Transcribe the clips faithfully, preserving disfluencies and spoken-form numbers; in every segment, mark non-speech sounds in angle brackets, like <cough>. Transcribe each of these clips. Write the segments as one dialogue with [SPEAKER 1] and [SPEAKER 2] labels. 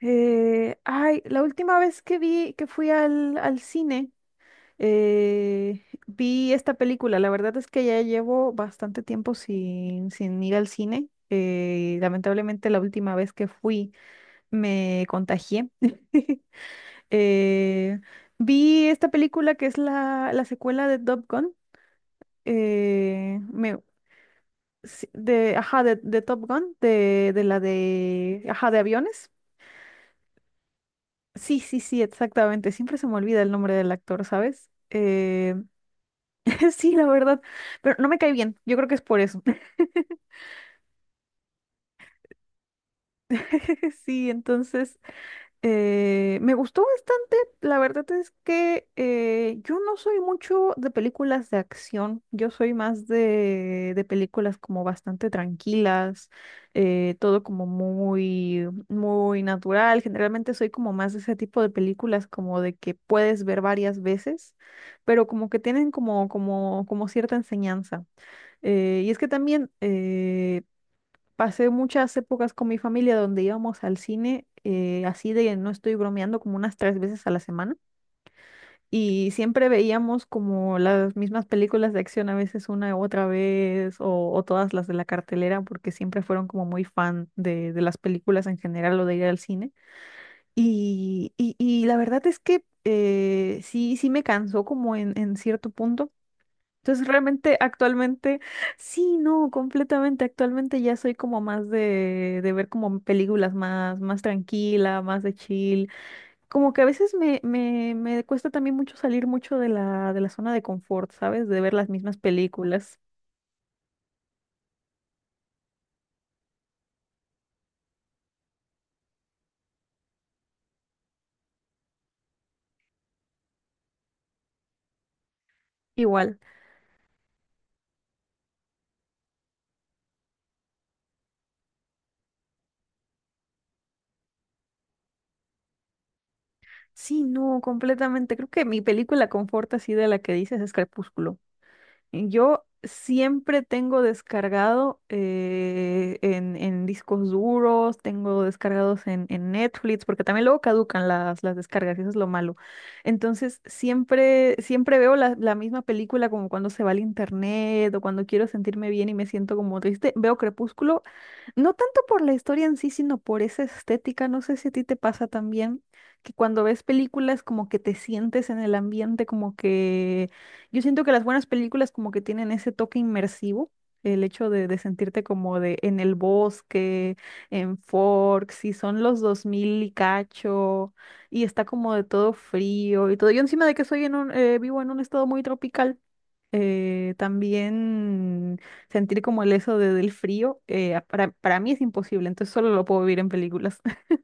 [SPEAKER 1] Eh, ay, la última vez que vi, que fui al, al cine, eh, vi esta película. La verdad es que ya llevo bastante tiempo sin, sin ir al cine. Eh, lamentablemente la última vez que fui me contagié. <laughs> Eh, Vi esta película que es la, la secuela de Top Gun. eh, me- sí, de, ajá, de, de Top Gun, de, de la de, ajá, de aviones. Sí, sí, sí, exactamente. Siempre se me olvida el nombre del actor, ¿sabes? Eh, <laughs> sí, la verdad, pero no me cae bien. Yo creo que es por eso. <laughs> Sí, entonces, Eh, me gustó bastante. La verdad es que eh, yo no soy mucho de películas de acción. Yo soy más de, de películas como bastante tranquilas, eh, todo como muy, muy natural. Generalmente soy como más de ese tipo de películas como de que puedes ver varias veces, pero como que tienen como, como, como cierta enseñanza. Eh, y es que también, eh, pasé muchas épocas con mi familia donde íbamos al cine, eh, así de, no estoy bromeando, como unas tres veces a la semana. Y siempre veíamos como las mismas películas de acción, a veces una u otra vez, o, o todas las de la cartelera, porque siempre fueron como muy fan de, de las películas en general o de ir al cine. Y, y, y la verdad es que eh, sí, sí me cansó como en, en cierto punto, entonces realmente actualmente, sí, no, completamente, actualmente ya soy como más de, de ver como películas más, más tranquila, más de chill. Como que a veces me, me, me cuesta también mucho salir mucho de la, de la zona de confort, ¿sabes? De ver las mismas películas. Igual. Sí, no, completamente. Creo que mi película confort así de la que dices es Crepúsculo. Yo siempre tengo descargado eh, en, en discos duros, tengo descargados en, en Netflix, porque también luego caducan las, las descargas, y eso es lo malo. Entonces, siempre, siempre veo la, la misma película como cuando se va al internet o cuando quiero sentirme bien y me siento como triste. Veo Crepúsculo no tanto por la historia en sí, sino por esa estética. No sé si a ti te pasa también que cuando ves películas como que te sientes en el ambiente, como que yo siento que las buenas películas como que tienen ese toque inmersivo, el hecho de, de sentirte como de en el bosque, en Forks, si son los dos mil y cacho, y está como de todo frío y todo. Yo encima de que soy en un, eh, vivo en un estado muy tropical eh, también sentir como el eso de- del frío, eh, a- para, para mí es imposible, entonces solo lo puedo vivir en películas. <laughs>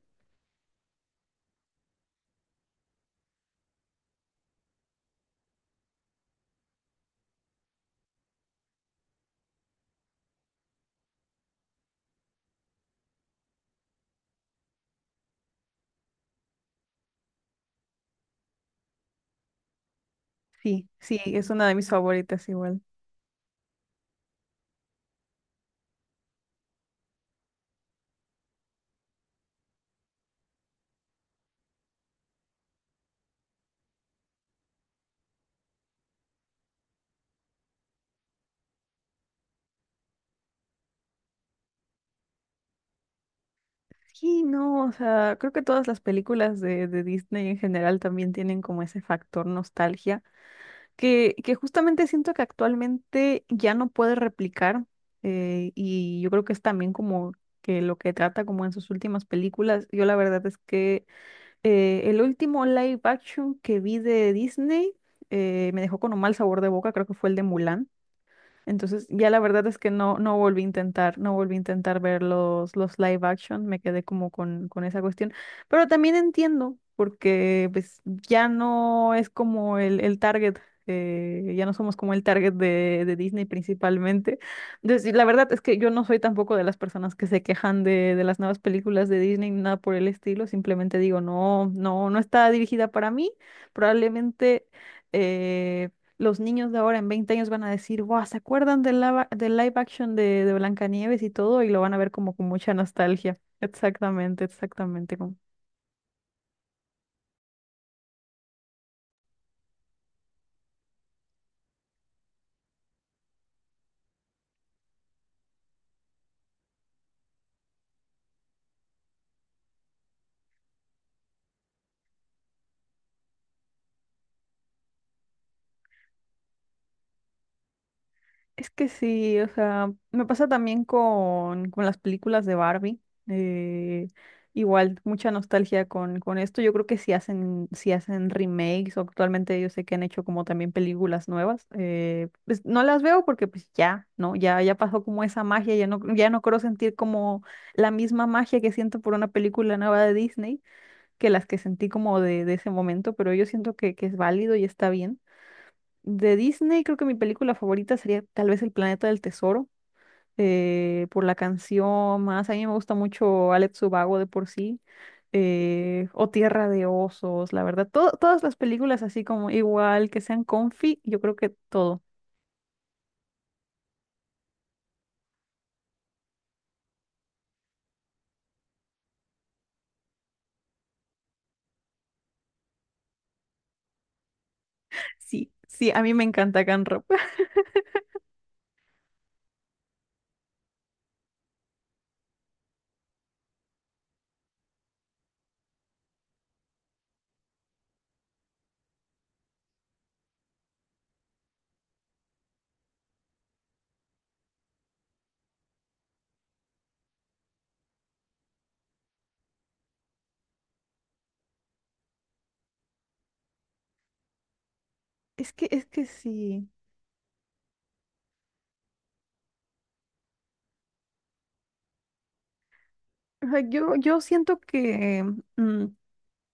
[SPEAKER 1] Sí, sí, es una de mis favoritas igual. Sí, no, o sea, creo que todas las películas de, de Disney en general también tienen como ese factor nostalgia, que, que justamente siento que actualmente ya no puede replicar, eh, y yo creo que es también como que lo que trata como en sus últimas películas, yo la verdad es que Eh, el último live action que vi de Disney eh, me dejó con un mal sabor de boca, creo que fue el de Mulan. Entonces, ya la verdad es que no, no volví a intentar, no volví a intentar ver los, los live action, me quedé como con, con esa cuestión. Pero también entiendo, porque pues ya no es como el, el target, eh, ya no somos como el target de, de Disney principalmente. Entonces, y la verdad es que yo no soy tampoco de las personas que se quejan de, de las nuevas películas de Disney, ni nada por el estilo, simplemente digo, no, no, no está dirigida para mí, probablemente... eh, los niños de ahora en veinte años van a decir, wow, ¿se acuerdan del lava- del live action de, de Blancanieves y todo? Y lo van a ver como con mucha nostalgia. Exactamente, exactamente. Es que sí, o sea, me pasa también con, con las películas de Barbie. eh, Igual, mucha nostalgia con, con esto. Yo creo que si hacen, si hacen remakes, o actualmente yo sé que han hecho como también películas nuevas. Eh, pues no las veo porque pues ya, ¿no? Ya, ya pasó como esa magia, ya no, ya no creo sentir como la misma magia que siento por una película nueva de Disney que las que sentí como de, de ese momento, pero yo siento que, que es válido y está bien. De Disney, creo que mi película favorita sería tal vez El Planeta del Tesoro, eh, por la canción más. A mí me gusta mucho Alex Subago de por sí, eh, o Tierra de Osos, la verdad. To- todas las películas así como igual, que sean comfy, yo creo que todo. Sí, sí, a mí me encanta Can Rock. <laughs> Es que, es que sí. O sea, yo, yo siento que mm,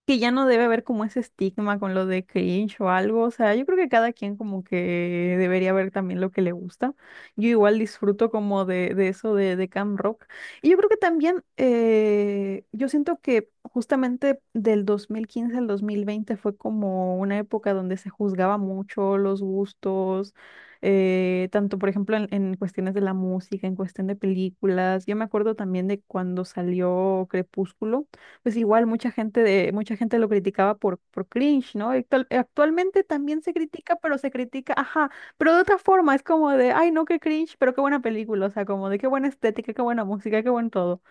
[SPEAKER 1] que ya no debe haber como ese estigma con lo de cringe o algo, o sea, yo creo que cada quien como que debería ver también lo que le gusta. Yo igual disfruto como de, de eso de, de Camp Rock. Y yo creo que también, eh, yo siento que justamente del dos mil quince al dos mil veinte fue como una época donde se juzgaba mucho los gustos, eh, tanto por ejemplo en, en cuestiones de la música, en cuestión de películas. Yo me acuerdo también de cuando salió Crepúsculo, pues igual mucha gente de, mucha gente lo criticaba por, por cringe, ¿no? Actual- actualmente también se critica, pero se critica, ajá, pero de otra forma, es como de, ay, no, qué cringe, pero qué buena película, o sea, como de qué buena estética, qué buena música, qué buen todo.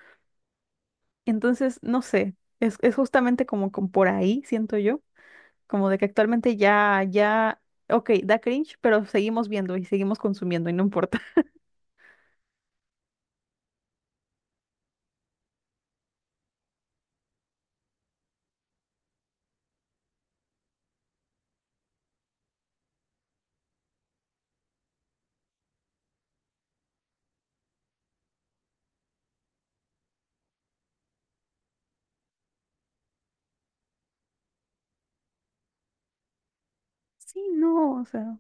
[SPEAKER 1] Entonces, no sé, es, es justamente como, como por ahí, siento yo, como de que actualmente ya, ya, ok, da cringe, pero seguimos viendo y seguimos consumiendo y no importa. <laughs> Sí, no, o sea.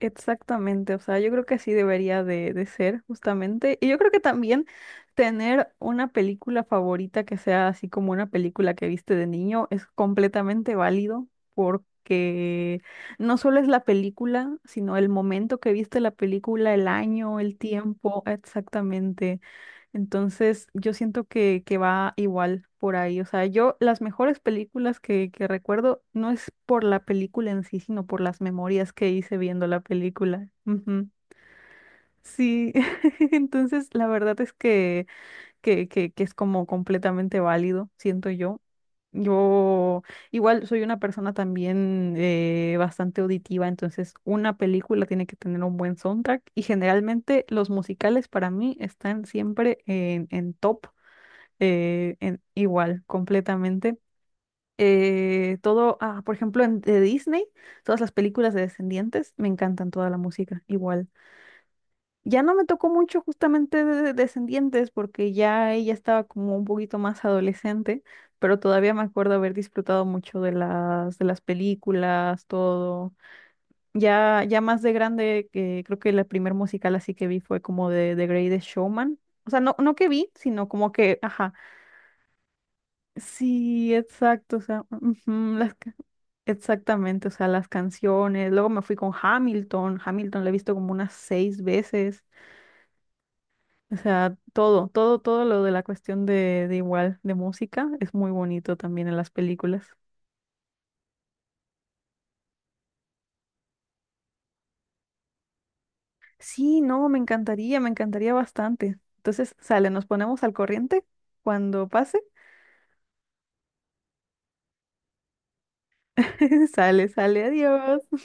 [SPEAKER 1] Exactamente, o sea, yo creo que así debería de, de ser justamente. Y yo creo que también tener una película favorita que sea así como una película que viste de niño es completamente válido porque no solo es la película, sino el momento que viste la película, el año, el tiempo, exactamente. Entonces, yo siento que, que va igual por ahí. O sea, yo las mejores películas que, que recuerdo no es por la película en sí, sino por las memorias que hice viendo la película. Ujú. Sí, <laughs> entonces la verdad es que, que, que, que es como completamente válido, siento yo. Yo igual soy una persona también eh, bastante auditiva, entonces una película tiene que tener un buen soundtrack y generalmente los musicales para mí están siempre en, en top eh, en- igual, completamente. Eh, todo, ah, por ejemplo, en, de Disney, todas las películas de Descendientes, me encantan toda la música, igual. Ya no me tocó mucho justamente de de Descendientes porque ya ella estaba como un poquito más adolescente, pero todavía me acuerdo haber disfrutado mucho de las, de las películas, todo. Ya, ya más de grande, que creo que la primer musical así que vi fue como de The Greatest Showman. O sea, no, no que vi, sino como que, ajá. Sí, exacto, o sea, ujú, las ca- exactamente, o sea, las canciones. Luego me fui con Hamilton, Hamilton la he visto como unas seis veces. O sea, todo, todo, todo lo de la cuestión de, de igual, de música, es muy bonito también en las películas. Sí, no, me encantaría, me encantaría bastante. Entonces, sale, nos ponemos al corriente cuando pase. <laughs> Sale, sale, adiós.